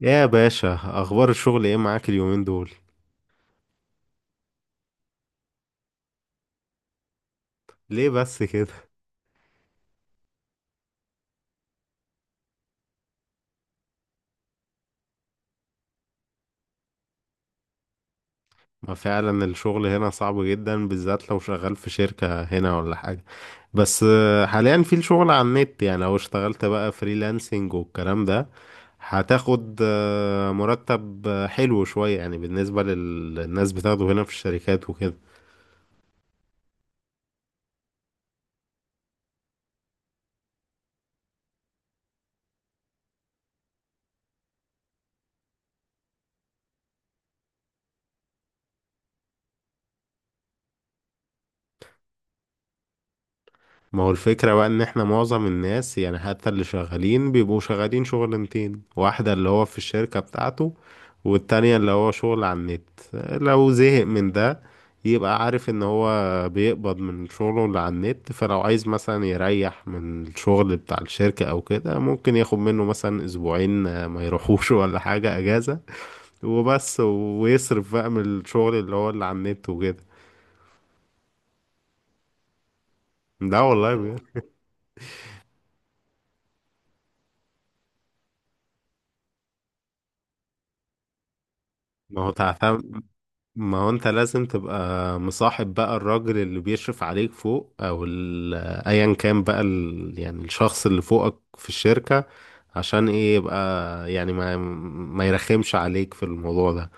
يا باشا، اخبار الشغل ايه معاك اليومين دول؟ ليه بس كده؟ ما فعلا الشغل هنا صعب جدا، بالذات لو شغال في شركة هنا ولا حاجة. بس حاليا في الشغل على النت. يعني لو اشتغلت بقى فريلانسنج والكلام ده هتاخد مرتب حلو شوية يعني بالنسبة للناس بتاخده هنا في الشركات وكده. ما هو الفكرة بقى ان احنا معظم الناس، يعني حتى اللي شغالين، بيبقوا شغالين شغلانتين: واحدة اللي هو في الشركة بتاعته، والتانية اللي هو شغل على النت. لو زهق من ده يبقى عارف ان هو بيقبض من شغله اللي على النت، فلو عايز مثلا يريح من الشغل بتاع الشركة او كده ممكن ياخد منه مثلا اسبوعين ما يروحوش، ولا حاجة اجازة، وبس، ويصرف بقى من الشغل اللي هو اللي على النت وكده. لا والله بجد. ما هو تعتمد. ما هو انت لازم تبقى مصاحب بقى الراجل اللي بيشرف عليك فوق، او ايا كان بقى يعني الشخص اللي فوقك في الشركة، عشان ايه يبقى يعني ما يرخمش عليك في الموضوع ده.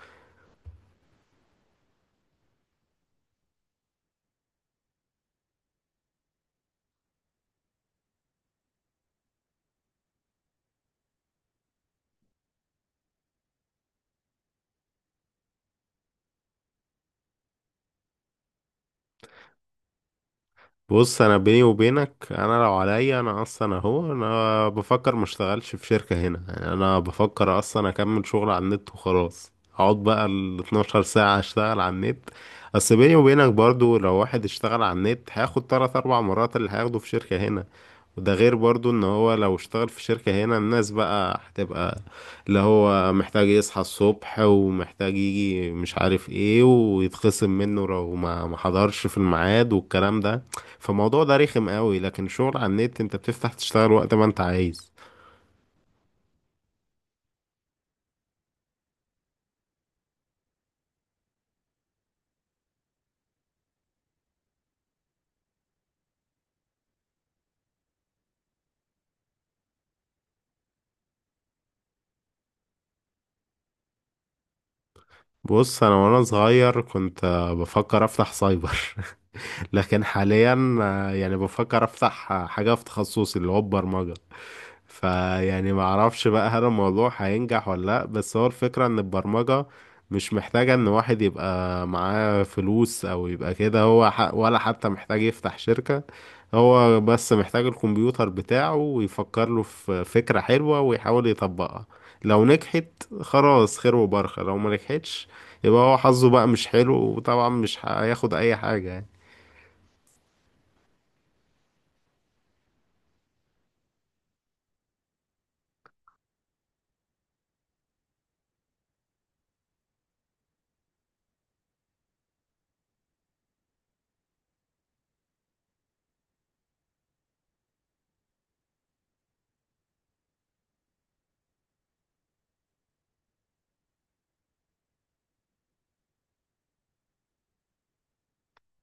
بص، انا بيني وبينك انا لو عليا، انا اصلا اهو انا بفكر ما اشتغلش في شركة هنا. يعني انا بفكر اصلا اكمل شغل على النت وخلاص، اقعد بقى ال 12 ساعة اشتغل على النت. بس بيني وبينك برضو لو واحد اشتغل على النت هياخد تلات اربع مرات اللي هياخده في شركة هنا. وده غير برضو ان هو لو اشتغل في شركة هنا الناس بقى هتبقى اللي هو محتاج يصحى الصبح، ومحتاج يجي مش عارف ايه، ويتخصم منه لو ما حضرش في الميعاد، والكلام ده. فالموضوع ده رخم قوي، لكن شغل على النت انت بتفتح تشتغل وقت ما انت عايز. بص، انا وانا صغير كنت بفكر افتح سايبر. لكن حاليا يعني بفكر افتح حاجة في تخصصي اللي هو البرمجة. فيعني ما اعرفش بقى هل الموضوع هينجح ولا لا، بس هو الفكرة ان البرمجة مش محتاجة ان واحد يبقى معاه فلوس او يبقى كده هو ولا حتى محتاج يفتح شركة. هو بس محتاج الكمبيوتر بتاعه ويفكر له في فكرة حلوة ويحاول يطبقها. لو نجحت خلاص، خير وبركة. لو ما نجحتش يبقى هو حظه بقى مش حلو، وطبعا مش هياخد اي حاجة يعني.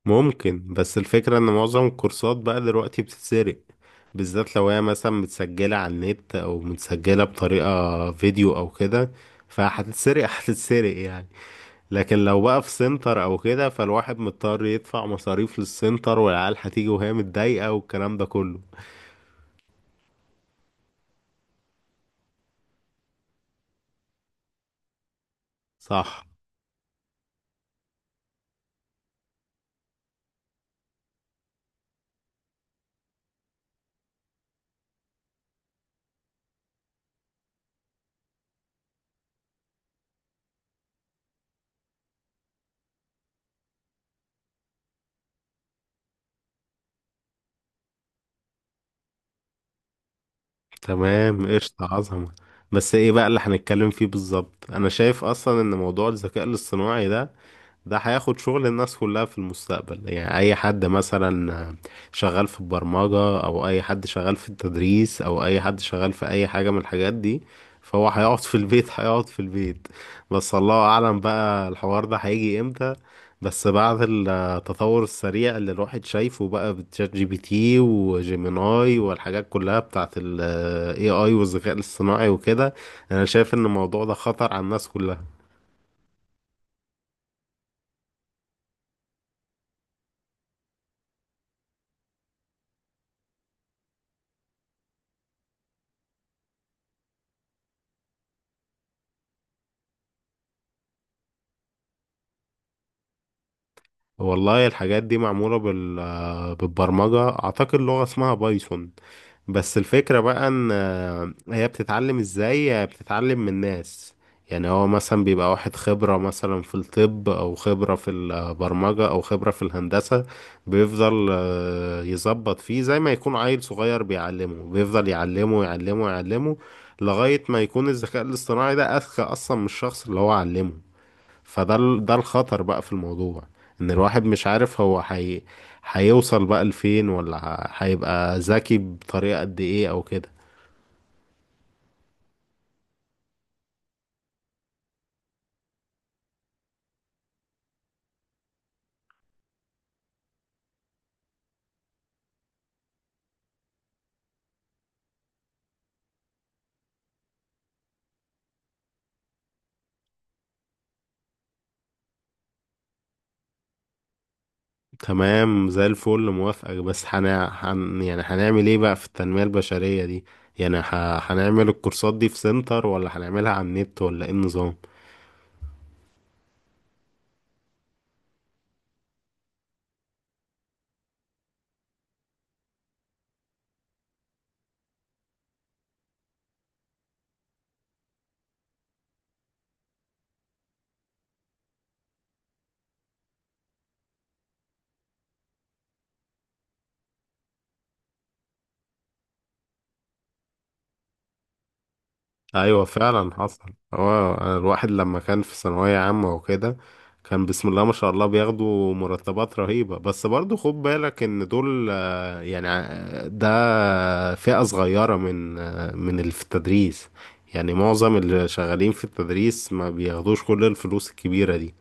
ممكن، بس الفكرة ان معظم الكورسات بقى دلوقتي بتتسرق، بالذات لو هي مثلا متسجلة على النت او متسجلة بطريقة فيديو او كده، فهتتسرق. هتتسرق يعني. لكن لو بقى في سنتر او كده فالواحد مضطر يدفع مصاريف للسنتر، والعيال هتيجي وهي متضايقة والكلام ده كله. صح. تمام، قشطة، عظمة. بس ايه بقى اللي هنتكلم فيه بالظبط؟ انا شايف اصلا ان موضوع الذكاء الاصطناعي ده، ده هياخد شغل الناس كلها في المستقبل. يعني أي حد مثلا شغال في البرمجة، أو أي حد شغال في التدريس، أو أي حد شغال في أي حاجة من الحاجات دي، فهو هيقعد في البيت. هيقعد في البيت. بس الله أعلم بقى الحوار ده هيجي إمتى، بس بعد التطور السريع اللي الواحد شايفه بقى بتشات جي بي تي وجيميناي والحاجات كلها بتاعت ال AI والذكاء الاصطناعي وكده، أنا شايف إن الموضوع ده خطر على الناس كلها. والله الحاجات دي معمولة بالبرمجة، أعتقد لغة اسمها بايثون. بس الفكرة بقى إن هي بتتعلم إزاي؟ هي بتتعلم من الناس. يعني هو مثلا بيبقى واحد خبرة مثلا في الطب، أو خبرة في البرمجة، أو خبرة في الهندسة، بيفضل يظبط فيه زي ما يكون عيل صغير بيعلمه، بيفضل يعلمه يعلمه يعلمه لغاية ما يكون الذكاء الاصطناعي ده أذكى أصلا من الشخص اللي هو علمه. فده ده الخطر بقى في الموضوع، ان الواحد مش عارف هو هيوصل بقى لفين، ولا هيبقى ذكي بطريقة قد ايه او كده. تمام زي الفل، موافقك. بس يعني هنعمل ايه بقى في التنمية البشرية دي؟ يعني هنعمل الكورسات دي في سنتر ولا هنعملها على النت ولا ايه النظام؟ ايوه فعلا حصل. هو الواحد لما كان في ثانوية عامة وكده كان بسم الله ما شاء الله بياخدوا مرتبات رهيبة، بس برضو خد بالك ان دول يعني ده فئة صغيرة من اللي في التدريس. يعني معظم اللي شغالين في التدريس ما بياخدوش كل الفلوس الكبيرة دي.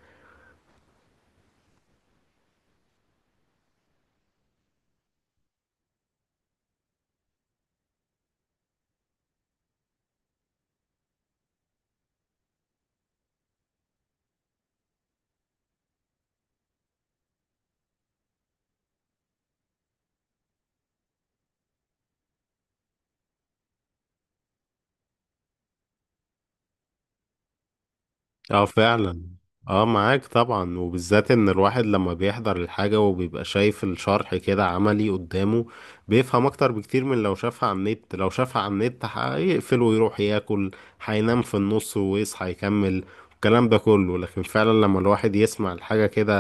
اه فعلا. اه معاك طبعا، وبالذات ان الواحد لما بيحضر الحاجة وبيبقى شايف الشرح كده عملي قدامه بيفهم اكتر بكتير من لو شافها على النت. لو شافها على النت هيقفل ويروح ياكل، هينام في النص ويصحى يكمل الكلام ده كله. لكن فعلا لما الواحد يسمع الحاجة كده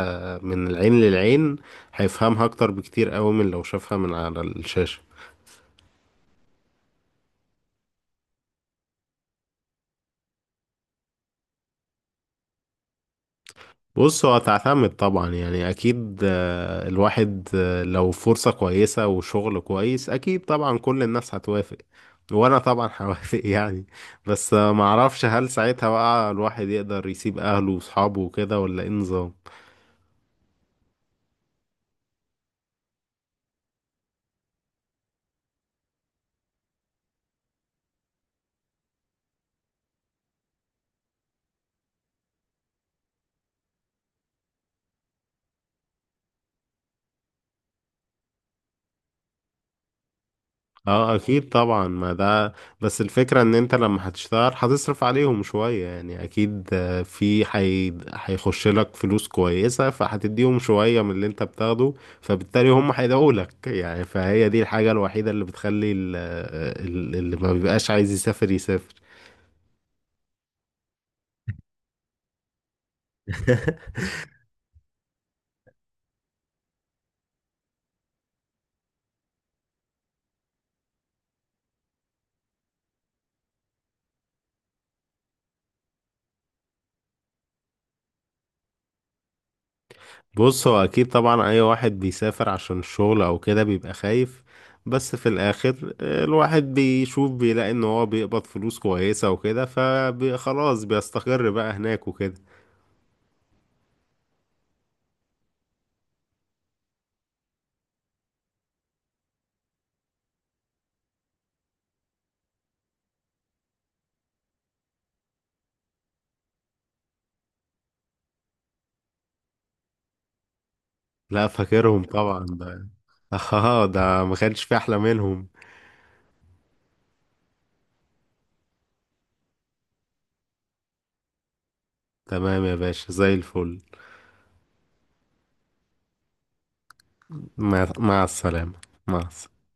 من العين للعين هيفهمها اكتر بكتير قوي من لو شافها من على الشاشة. بص، هو هتعتمد طبعا. يعني اكيد الواحد لو فرصة كويسة وشغل كويس اكيد طبعا كل الناس هتوافق، وانا طبعا هوافق. يعني بس معرفش هل ساعتها بقى الواحد يقدر يسيب اهله واصحابه وكده ولا ايه نظام. اه اكيد طبعا ما ده، بس الفكرة ان انت لما هتشتغل هتصرف عليهم شوية. يعني اكيد في هيخش لك فلوس كويسة، فهتديهم شوية من اللي انت بتاخده، فبالتالي هم هيدعوا لك. يعني فهي دي الحاجة الوحيدة اللي بتخلي اللي ما بيبقاش عايز يسافر يسافر. بص، هو اكيد طبعا اي واحد بيسافر عشان الشغل او كده بيبقى خايف، بس في الاخر الواحد بيشوف بيلاقي ان هو بيقبض فلوس كويسة وكده فخلاص بيستقر بقى هناك وكده. لا فاكرهم طبعا ده. اه ده ما كانش في احلى منهم. تمام يا باشا، زي الفل. مع السلامة. مع السلامة.